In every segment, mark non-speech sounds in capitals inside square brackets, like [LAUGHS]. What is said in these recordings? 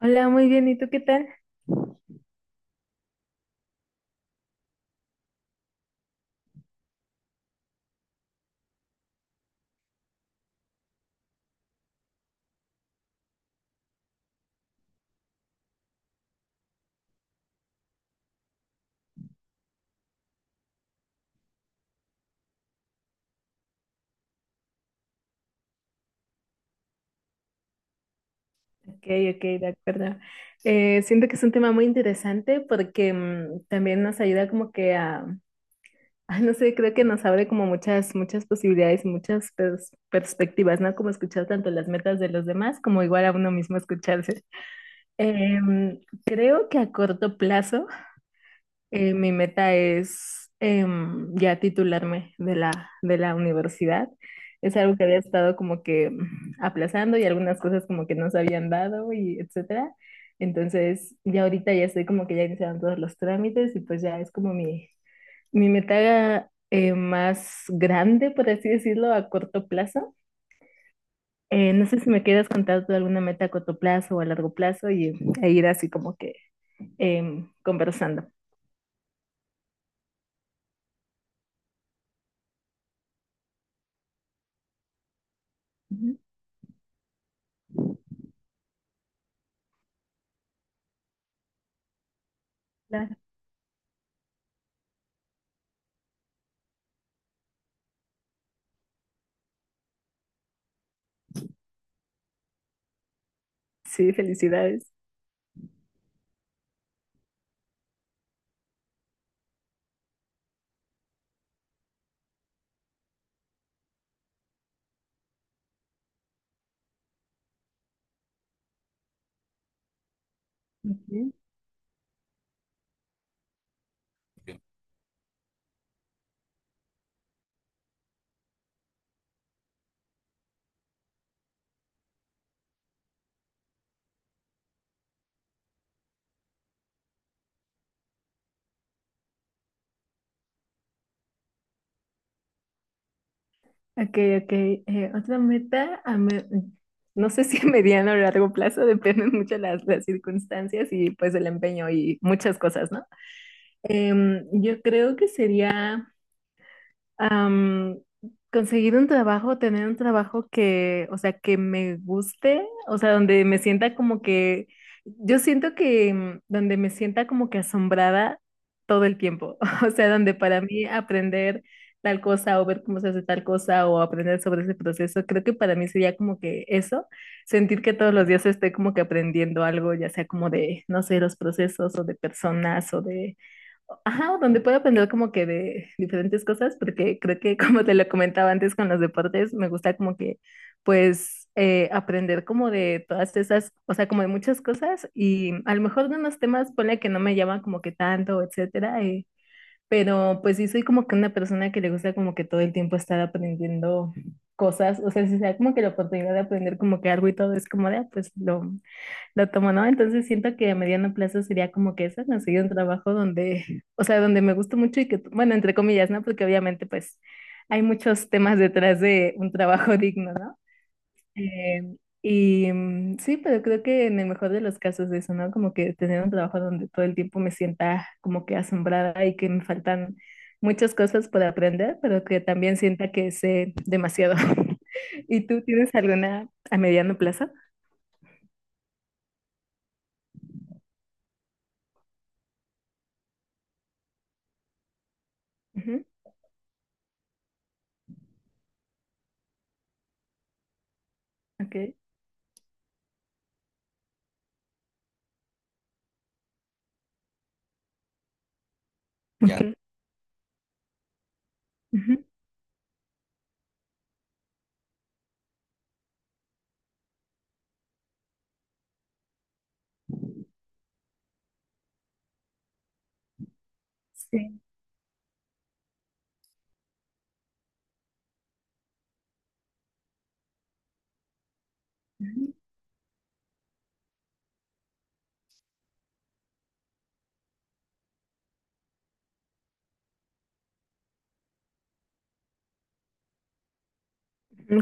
Hola, muy bien. ¿Y tú qué tal? Ok, ok, de acuerdo. Siento que es un tema muy interesante porque también nos ayuda como que a, [LAUGHS] ay, no sé, creo que nos abre como muchas, muchas posibilidades y muchas perspectivas, ¿no? Como escuchar tanto las metas de los demás como igual a uno mismo escucharse. Em, Creo que a corto plazo. Mi meta es ya titularme de de la universidad. Es algo que había estado como que aplazando y algunas cosas como que no se habían dado y etcétera. Entonces, ya ahorita ya estoy como que ya iniciaron todos los trámites y pues ya es como mi meta más grande, por así decirlo, a corto plazo. No sé si me quieras contar tú alguna meta a corto plazo o a largo plazo y, e ir así como que conversando. Ujú. Claro. Sí, felicidades. Ujú. Ok, ok. Otra meta, a no sé si a mediano o largo plazo, [LAUGHS] dependen mucho las circunstancias y pues el empeño y muchas cosas, ¿no? Yo creo que sería am, conseguir un trabajo, tener un trabajo que, o sea, que me guste, o sea, donde me sienta como que, yo siento que donde me sienta como que asombrada todo el tiempo, [LAUGHS] o sea, donde para mí aprender tal cosa o ver cómo se hace tal cosa o aprender sobre ese proceso, creo que para mí sería como que eso, sentir que todos los días estoy como que aprendiendo algo, ya sea como de, no sé, los procesos o de personas o de Ajá, o donde puedo aprender como que de diferentes cosas, porque creo que [LAUGHS] como te lo comentaba antes con los deportes, me gusta como que pues aprender como de todas esas, o sea, como de muchas cosas y a lo mejor de unos temas, ponle que no me llaman como que tanto, etcétera, pero pues sí soy como que una persona que le gusta como que todo el tiempo estar aprendiendo cosas, o sea, si sea como que la oportunidad de aprender como que algo y todo es como de, ah, pues lo tomo, ¿no? Entonces siento que a mediano plazo sería como que eso, conseguir un trabajo donde, [LAUGHS] o sea, donde me gusta mucho y que, bueno, entre comillas, ¿no? Porque obviamente pues hay muchos temas detrás de un trabajo [LAUGHS] digno, ¿no? Eh, y sí, pero creo que en el mejor de los casos eso, ¿no? Como que tener un trabajo donde todo el tiempo me sienta como que asombrada y que me faltan muchas cosas por aprender, pero que también sienta que sé demasiado. [LAUGHS] ¿Y tú tienes alguna a mediano plazo? Ujú, ok. Ya. [LAUGHS] Ok. Sí. Ujú,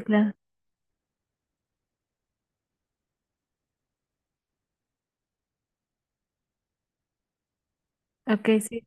claro. Ok, sí.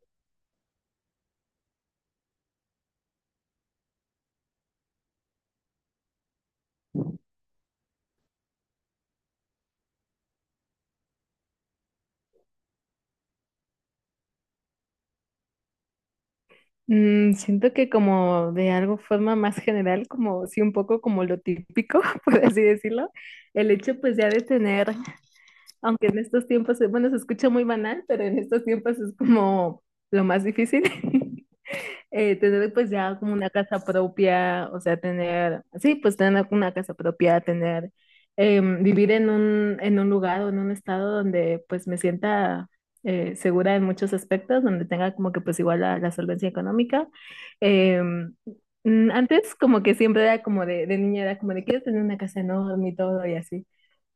Siento que como de algo forma más general, como sí, un poco como lo típico, [LAUGHS] por así decirlo, el hecho pues ya de tener, aunque en estos tiempos, bueno, se escucha muy banal, pero en estos tiempos es como lo más difícil. [LAUGHS] Tener pues ya como una casa propia, o sea, tener, sí, pues tener una casa propia, tener, vivir en un lugar o en un estado donde pues me sienta segura en muchos aspectos, donde tenga como que pues igual la solvencia económica. Eh, Antes como que siempre era como de niña, era como de quiero tener una casa enorme y todo y así.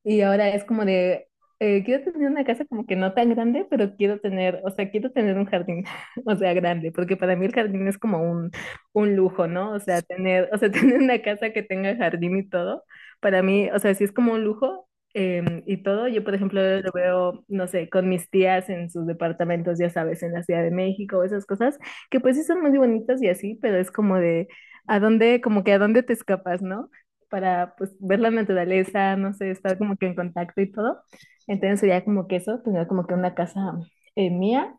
Y ahora es como de, quiero tener una casa como que no tan grande, pero quiero tener, o sea, quiero tener un jardín, [LAUGHS] o sea, grande, porque para mí el jardín es como un lujo, ¿no? O sea, tener, o sea, [LAUGHS] tener una casa que tenga jardín y todo, para mí, o sea, sí es como un lujo y todo. Yo, por ejemplo, lo veo, no sé, con mis tías en sus departamentos, ya sabes, en la Ciudad de México, esas cosas, que pues sí son muy bonitas y así, pero es como de, ¿a dónde, como que a dónde te escapas, ¿no? Para pues ver la naturaleza, no sé, estar como que en contacto y todo. Entonces sería como que eso, tener como que una casa mía,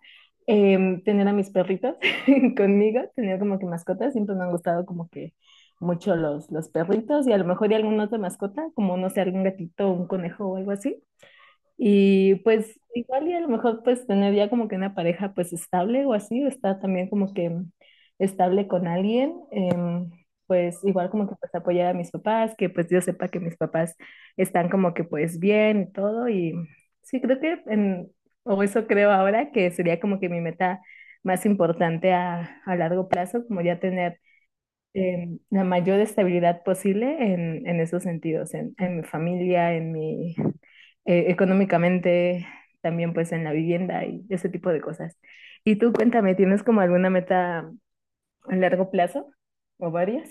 tener a mis perritos [LAUGHS] conmigo, tener como que mascotas, siempre me han gustado como que mucho los perritos y a lo mejor y alguna otra mascota, como no sé, algún gatito, un conejo o algo así. Y pues igual y a lo mejor pues tener ya como que una pareja pues estable o así, o estar también como que estable con alguien, pues igual como que pues apoyar a mis papás, que pues yo sepa que mis papás están como que pues bien y todo. Y sí, creo que, en, o eso creo ahora, que sería como que mi meta más importante a largo plazo, como ya tener la mayor estabilidad posible en esos sentidos, en mi familia, en mi, económicamente, también pues en la vivienda y ese tipo de cosas. Y tú cuéntame, ¿tienes como alguna meta a largo plazo o varias?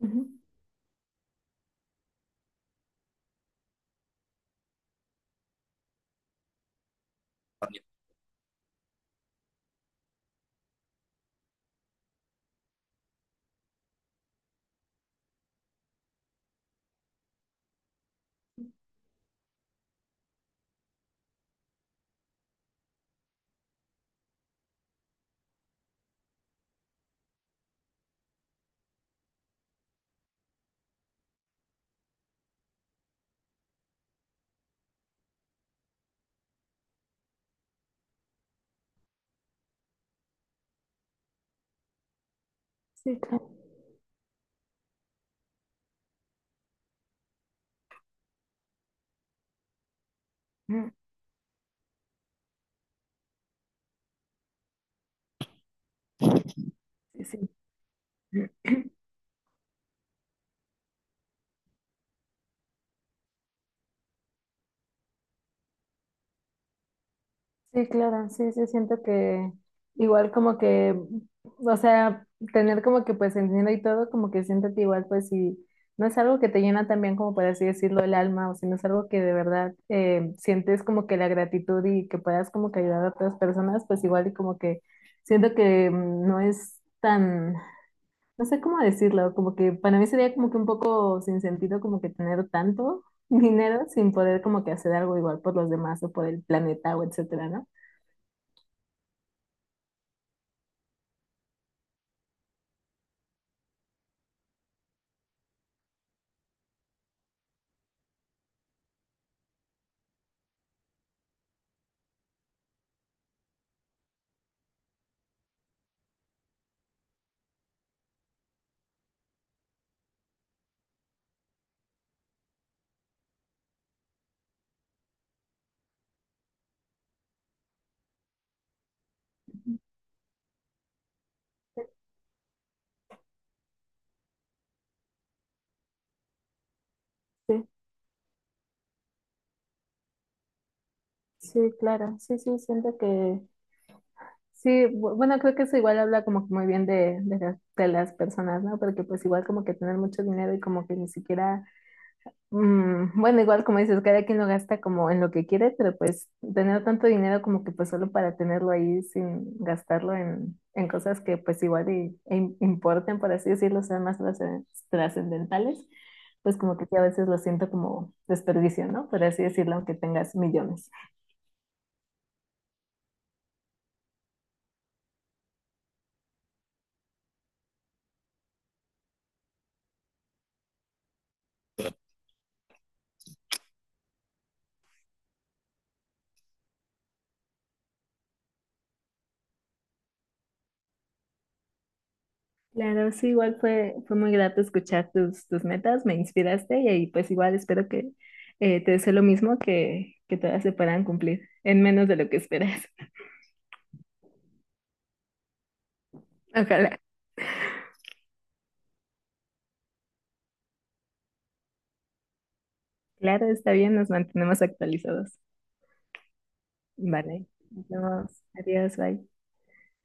Ujú. Sí, claro. Mm. Sí, sí. Sí, claro, sí, sí, siento que igual como que, o sea, tener como que pues el dinero y todo, como que siento que igual pues si no es algo que te llena también como por así decirlo el alma, o si no es algo que de verdad sientes como que la gratitud y que puedas como que ayudar a otras personas, pues igual y como que siento que no es tan, no sé cómo decirlo, como que para mí sería como que un poco sin sentido como que tener tanto [LAUGHS] dinero sin poder como que hacer algo igual por los demás o por el planeta o etcétera, ¿no? Sí, sí, claro, sí, sí, siento que sí, bueno, creo que eso igual habla como que muy bien de las personas, ¿no? Porque pues igual como que tener mucho dinero y como que ni siquiera, bueno, igual como dices, cada quien lo gasta como en lo que quiere, pero pues tener tanto dinero como que pues solo para tenerlo ahí sin gastarlo en cosas que pues igual y, e importen, por así decirlo, sean más trascendentales, pues como que sí, a veces lo siento como desperdicio, ¿no? Por así decirlo, aunque tengas millones. Claro, sí, igual fue, fue muy grato escuchar tus, tus metas, me inspiraste y ahí pues igual espero que te deseo lo mismo que todas se puedan cumplir en menos de lo que esperas. [LAUGHS] Ojalá. Claro, está bien, nos mantenemos actualizados. Vale, nos vemos. Adiós, bye.